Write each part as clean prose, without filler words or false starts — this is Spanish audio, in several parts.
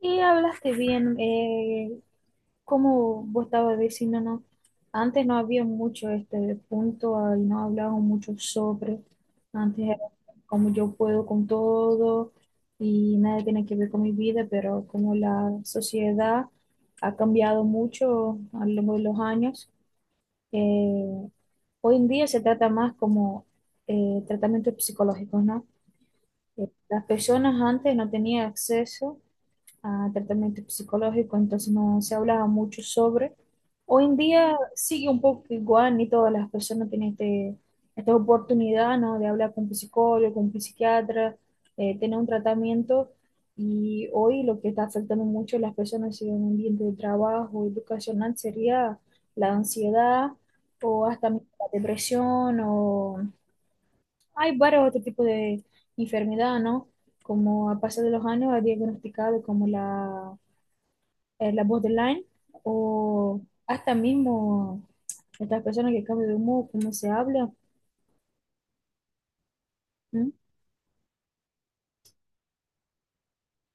Y hablaste bien, como vos estabas diciendo, ¿no? Antes no había mucho este punto, ahí no hablaban mucho sobre, antes era como yo puedo con todo y nada tiene que ver con mi vida, pero como la sociedad ha cambiado mucho a lo largo de los años, eh, hoy en día se trata más como tratamientos psicológicos, ¿no? Las personas antes no tenían acceso a tratamiento psicológico, entonces no se hablaba mucho sobre. Hoy en día sigue un poco igual, ni todas las personas tienen esta oportunidad, ¿no?, de hablar con un psicólogo, con un psiquiatra, tener un tratamiento. Y hoy lo que está afectando mucho a las personas en el ambiente de trabajo educacional sería la ansiedad o hasta la depresión, o hay varios otros tipos de enfermedad, ¿no? Como a pasar de los años ha diagnosticado como la la borderline o hasta mismo estas personas que cambian de humor, cómo se habla. ¿M?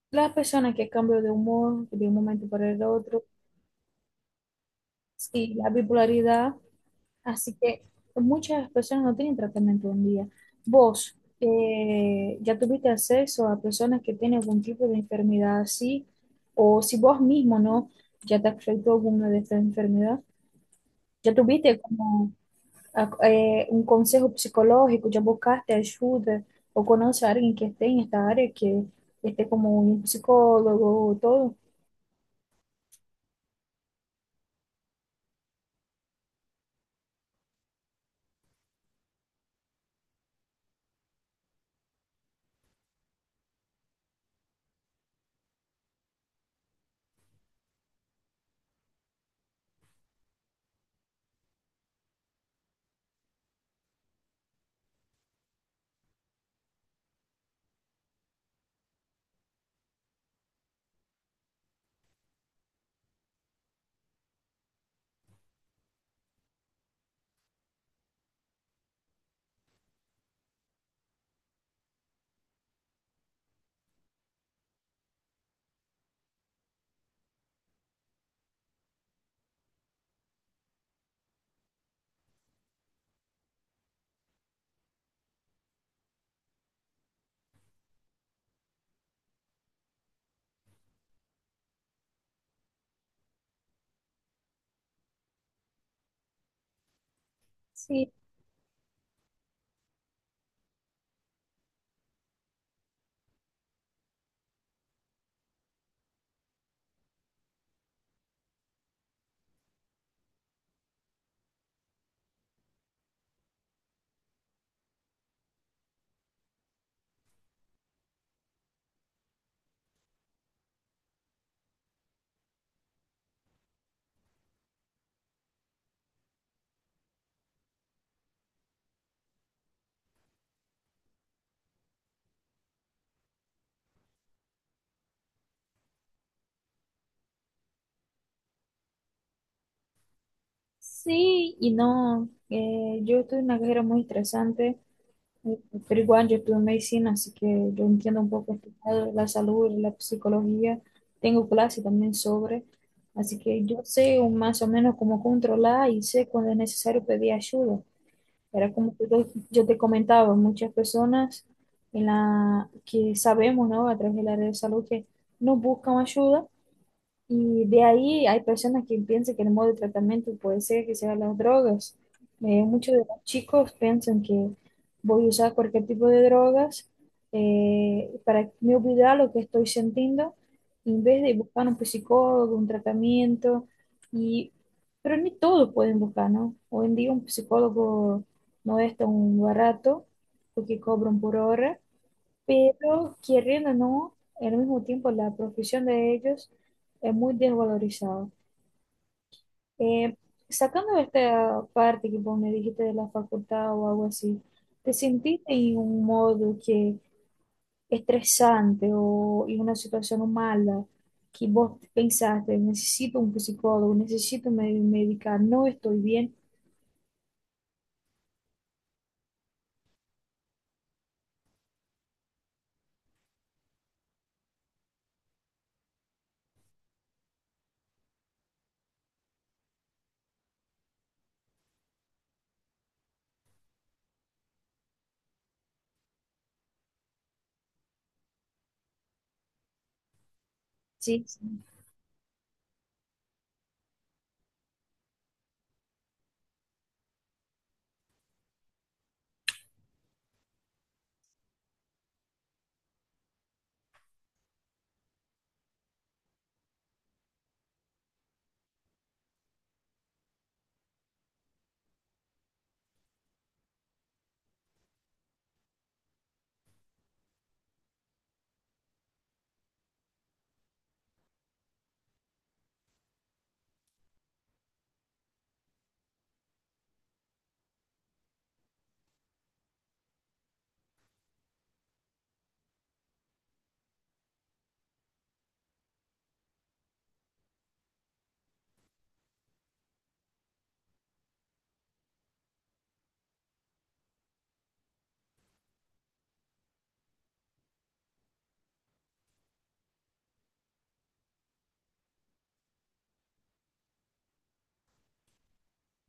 Las personas que cambian de humor de un momento para el otro. Sí, la bipolaridad. Así que muchas personas no tienen tratamiento un día. Vos, ¿ya tuviste acceso a personas que tienen algún tipo de enfermedad así? O si vos mismo, ¿no? ¿Ya te afectó alguna de estas enfermedades? ¿Ya tuviste como a- um conselho psicológico, de buscaste ajuda ou conhece alguém que esteja en esta área, que esté como um psicólogo todo? Sí, sí y no. Yo estuve en una carrera muy estresante, eh, pero igual yo estuve medicina, así que yo entiendo un poco este lado la salud, la psicología. Tengo clase también sobre, así que más o menos cómo controlar y sé cuándo es necesario pedir ayuda. Era como yo te comentaba, muchas personas en la que sabemos, ¿no? A través del área de salud que no buscan ayuda, y de ahí hay personas que piensan que el modo de tratamiento puede ser que sean las drogas. Muchos de los chicos piensan que voy a usar cualquier tipo de drogas, para me olvidar lo que estoy sintiendo, en vez de buscar un psicólogo, un tratamiento. Y, pero ni todos pueden buscar, ¿no? Hoy en día un psicólogo no es tan barato porque cobran por hora, pero queriendo o no, al mismo tiempo la profesión de ellos es muy desvalorizada. Eh, sacando esta parte que vos me dijiste de la facultad o algo así, ¿te sentiste en un modo que estresante o en una situación mala que vos pensaste, necesito un psicólogo, necesito me medicar, no estoy bien? Sí. Sí.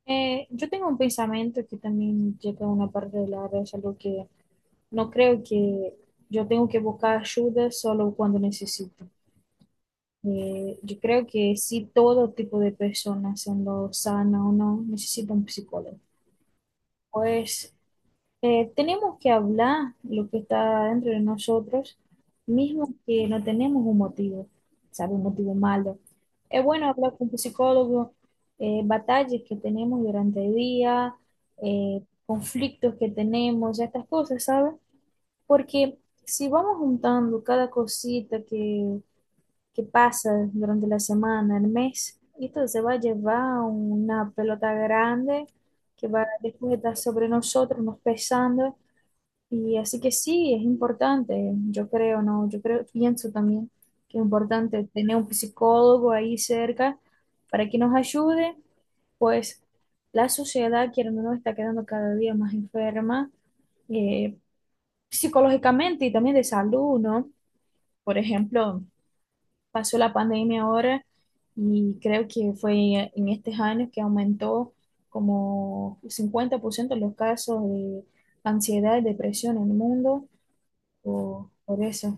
Yo tengo un pensamiento que también llega a una parte del área de la salud que no creo que yo tengo que buscar ayuda solo cuando necesito. Yo creo que sí, todo tipo de personas, siendo sana o no, necesita un psicólogo. Pues tenemos que hablar lo que está dentro de nosotros, mismo que no tenemos un motivo, ¿sabe? Un motivo malo. Es bueno hablar con un psicólogo, batallas que tenemos durante el día, eh, conflictos que tenemos, estas cosas, ¿sabe? Porque si vamos juntando cada cosita que pasa durante la semana, el mes, esto se va a llevar una pelota grande que va después a estar sobre nosotros, nos pesando. Y así que sí, es importante, yo creo, ¿no? Yo creo, pienso también que es importante tener un psicólogo ahí cerca para que nos ayude, pues la sociedad, quiero o no, está quedando cada día más enferma. eh, psicológicamente y también de salud, ¿no? Por ejemplo, pasó la pandemia ahora y creo que fue en estos años que aumentó como 50% los casos de ansiedad y depresión en el mundo por eso.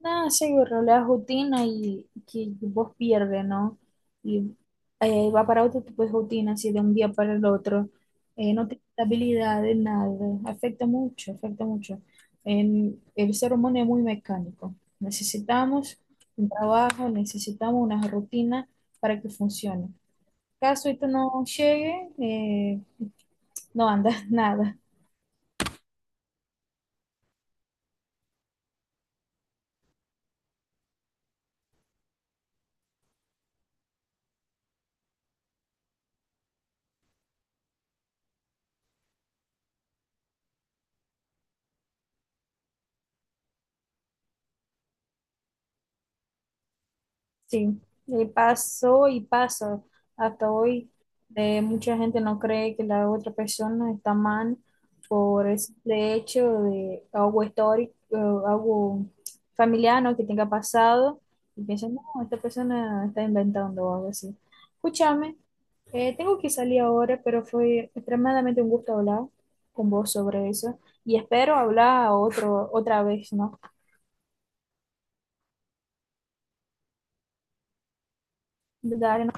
Nada, sí, borró la rutina y que vos pierdes, ¿no? Y va para otro tipo de rutina, así de un día para el otro. No tiene estabilidad de nada. Afecta mucho, afecta mucho. El ser humano es muy mecánico. Necesitamos un trabajo, necesitamos una rutina para que funcione. Caso esto no llegue, no anda nada. Sí, y pasó y pasa hasta hoy. Mucha gente no cree que la otra persona está mal por el simple hecho de algo histórico, algo familiar, ¿no?, que tenga pasado. Y piensan, no, esta persona está inventando o algo así. Escúchame, tengo que salir ahora, pero fue extremadamente un gusto hablar con vos sobre eso. Y espero hablar otra vez, ¿no? Dale,